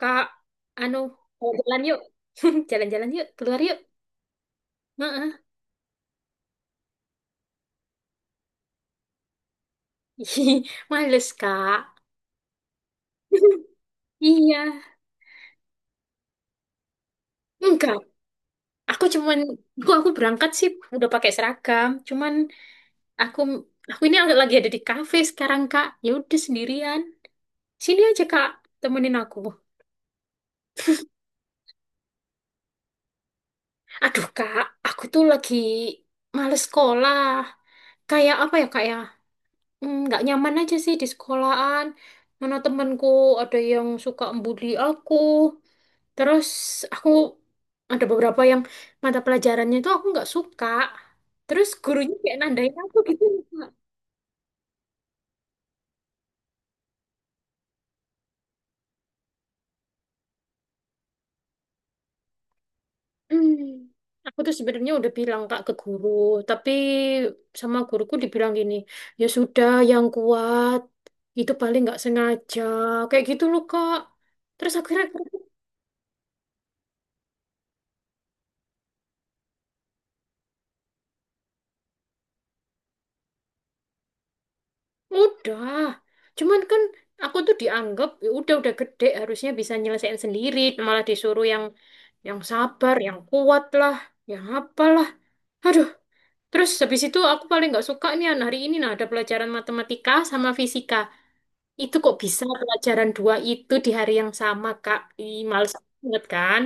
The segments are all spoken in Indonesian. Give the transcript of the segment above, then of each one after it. Kak, anu, mau jalan yuk. Jalan-jalan yuk, keluar yuk. Heeh. Ih, males, Kak. Iya. Enggak. Aku cuman, aku berangkat sih udah pakai seragam. Cuman aku aku ini lagi ada di kafe sekarang, Kak. Ya udah sendirian. Sini aja, Kak. Temenin aku. Aduh, Kak, aku tuh lagi males sekolah. Kayak apa ya, Kak ya? Nggak nyaman aja sih di sekolahan. Mana temanku, ada yang suka membuli aku. Terus aku ada beberapa yang mata pelajarannya itu aku nggak suka. Terus gurunya kayak nandain aku gitu loh, Kak. Hmm. Aku tuh sebenarnya udah bilang Kak ke guru, tapi sama guruku dibilang gini, ya sudah yang kuat, itu paling nggak sengaja, kayak gitu loh Kak. Terus akhirnya udah, cuman kan aku tuh dianggap "Ya udah gede harusnya bisa nyelesain sendiri, malah disuruh yang sabar, yang kuat lah, yang apalah. Aduh, terus habis itu aku paling nggak suka nih An, hari ini nah ada pelajaran matematika sama fisika. Itu kok bisa pelajaran dua itu di hari yang sama, Kak? Ih, males banget kan?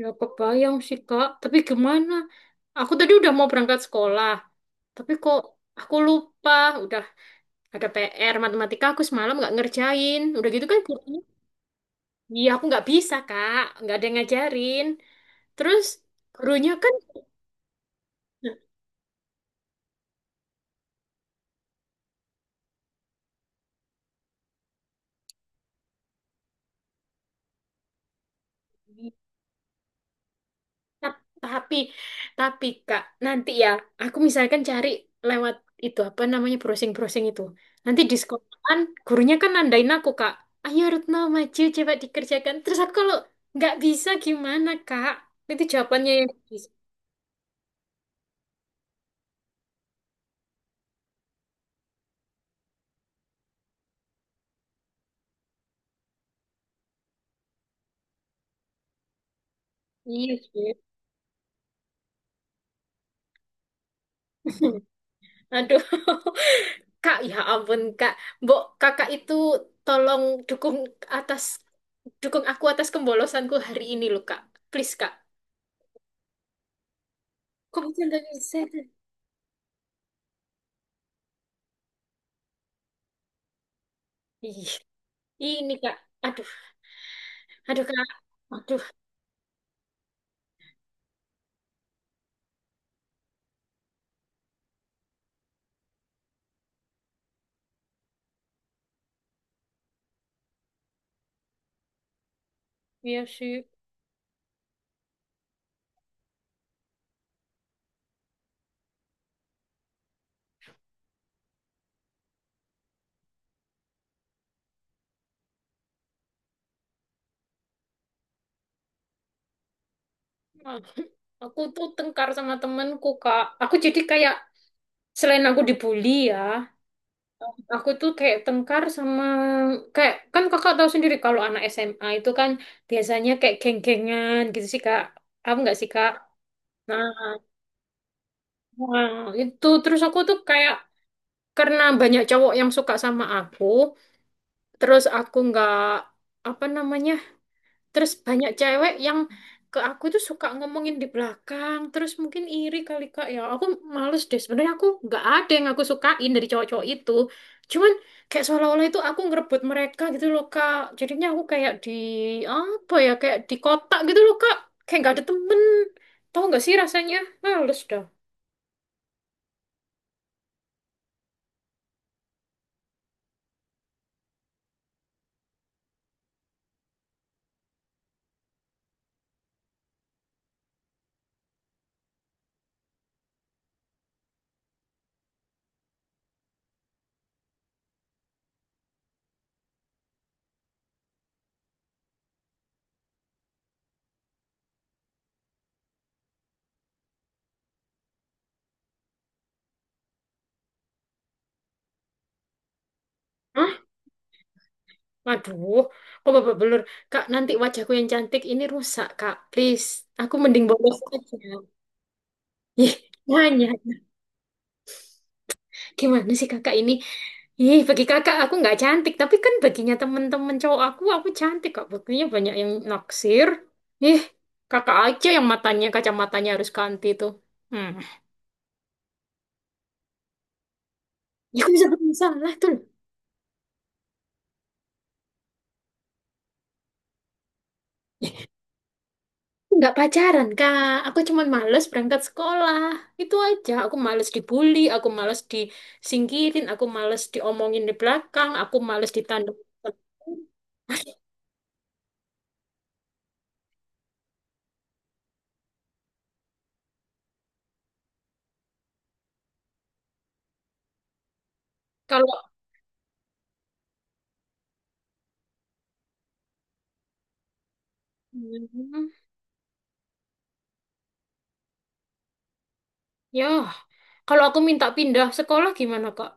Ya kebayang sih, Kak. Tapi gimana? Aku tadi udah mau berangkat sekolah, tapi kok aku lupa udah ada PR matematika aku semalam nggak ngerjain. Udah gitu kan gurunya, iya aku nggak bisa, Kak. Nggak ada yang ngajarin. Terus gurunya kan. Tap- Tapi, tapi, Kak, nanti ya, aku misalkan cari lewat itu apa namanya browsing-browsing itu. Nanti di sekolahan, gurunya kan nandain aku Kak, ayo Retno maju coba dikerjakan. Terus aku kalau nggak bisa gimana Kak? Itu jawabannya yang bisa. Iya sih. Aduh, Kak, ya ampun Kak, Mbok Kakak itu tolong atas dukung aku atas kembolosanku hari ini loh Kak. Please Kak. Kok bisa nggak bisa? Ih. Ini Kak, aduh, aduh Kak, aduh, iya sih. Ah, aku tuh tengkar sama temenku Kak. Aku jadi kayak selain aku dibully ya, aku tuh kayak tengkar sama kayak kan Kakak tahu sendiri kalau anak SMA itu kan biasanya kayak geng-gengan gitu sih Kak. Aku nggak sih Kak? Nah, nah, itu terus aku tuh kayak karena banyak cowok yang suka sama aku, terus aku nggak apa namanya. Terus banyak cewek yang ke aku tuh suka ngomongin di belakang. Terus mungkin iri kali Kak ya. Aku males deh. Sebenarnya aku nggak ada yang aku sukain dari cowok-cowok itu. Cuman kayak seolah-olah itu aku ngerebut mereka gitu loh Kak. Jadinya aku kayak di apa ya kayak di kotak gitu loh Kak. Kayak nggak ada temen. Tahu nggak sih rasanya? Males dah. Hah? Aduh, kok babak belur? Kak, nanti wajahku yang cantik ini rusak, Kak. Please, aku mending bolos aja. Ih, nanya. Gimana sih kakak ini? Ih, bagi kakak aku nggak cantik, tapi kan baginya temen-temen cowok aku cantik kok. Buktinya banyak yang naksir. Ih, kakak aja yang matanya, kacamatanya harus ganti tuh. Hmm. Ya aku bisa bermasalah tuh. Ih, aku nggak pacaran, Kak. Aku cuman males berangkat sekolah. Itu aja. Aku males dibully, aku males disingkirin, aku males diomongin di belakang, aku males ditanduk. Kalau. Hmm, Ya, kalau aku minta pindah sekolah gimana, Kak?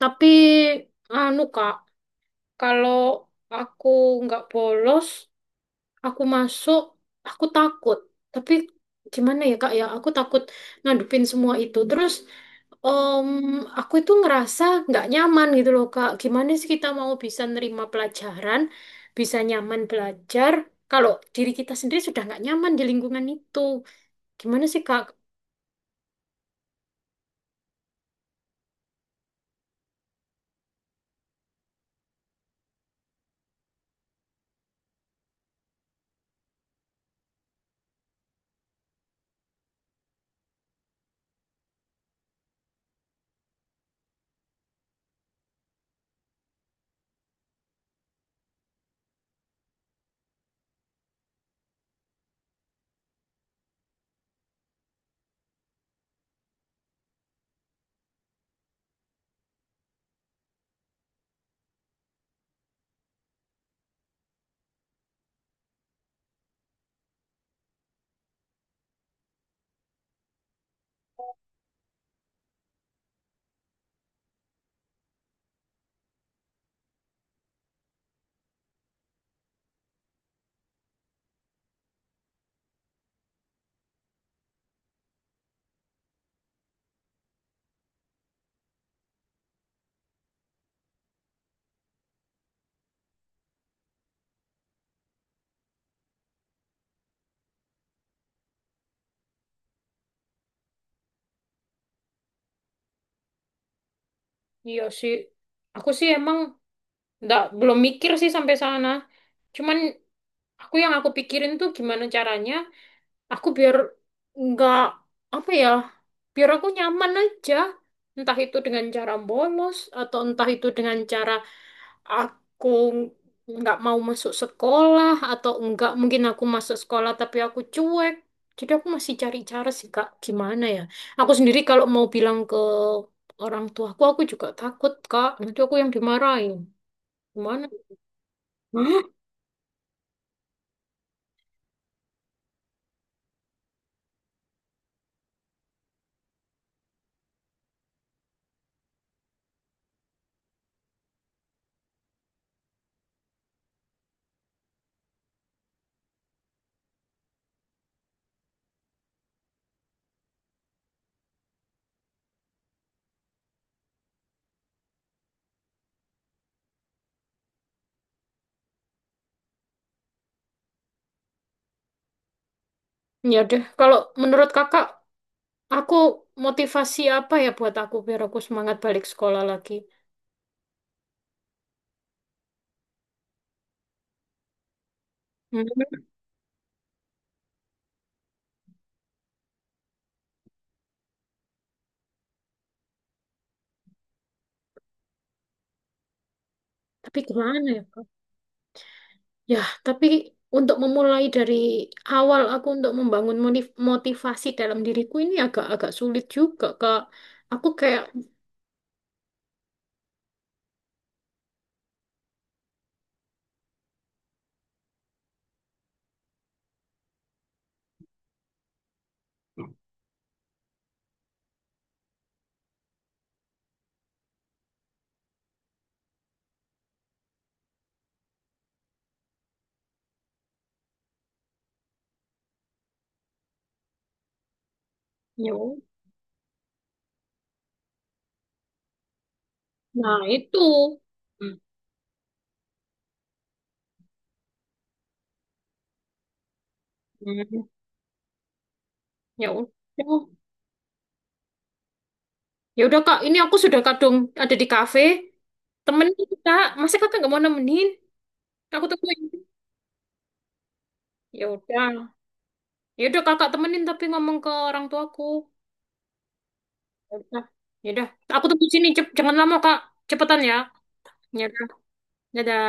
Tapi, anu Kak, kalau aku nggak bolos, aku masuk, aku takut. Tapi gimana ya Kak ya, aku takut ngadupin semua itu. Terus, em, aku itu ngerasa nggak nyaman gitu loh Kak. Gimana sih kita mau bisa nerima pelajaran, bisa nyaman belajar, kalau diri kita sendiri sudah nggak nyaman di lingkungan itu. Gimana sih Kak? Iya sih, aku sih emang nggak belum mikir sih sampai sana. Cuman aku yang aku pikirin tuh gimana caranya aku biar nggak apa ya, biar aku nyaman aja, entah itu dengan cara bolos atau entah itu dengan cara aku nggak mau masuk sekolah atau enggak mungkin aku masuk sekolah tapi aku cuek. Jadi aku masih cari cara sih Kak gimana ya, aku sendiri kalau mau bilang ke orang tuaku aku juga takut Kak, nanti aku yang dimarahin gimana. Hah? Ya deh kalau menurut Kakak, aku motivasi apa ya buat aku biar aku semangat balik sekolah lagi? Hmm, tapi gimana ya, Kak? Ya, tapi untuk memulai dari awal aku untuk membangun motivasi dalam diriku ini agak-agak sulit juga, Kak. Aku kayak, ya, nah itu. Hmm, Ya udah. Ya udah, Kak, ini aku sudah kadung ada di kafe. Temenin, kita. Masa Kakak nggak mau nemenin? Aku tungguin. Ya udah. Ya udah, Kakak temenin tapi ngomong ke orang tuaku. Ya udah, ya udah. Aku tunggu sini, Cep. Jangan lama, Kak. Cepetan ya. Ya, Yaudah, dadah.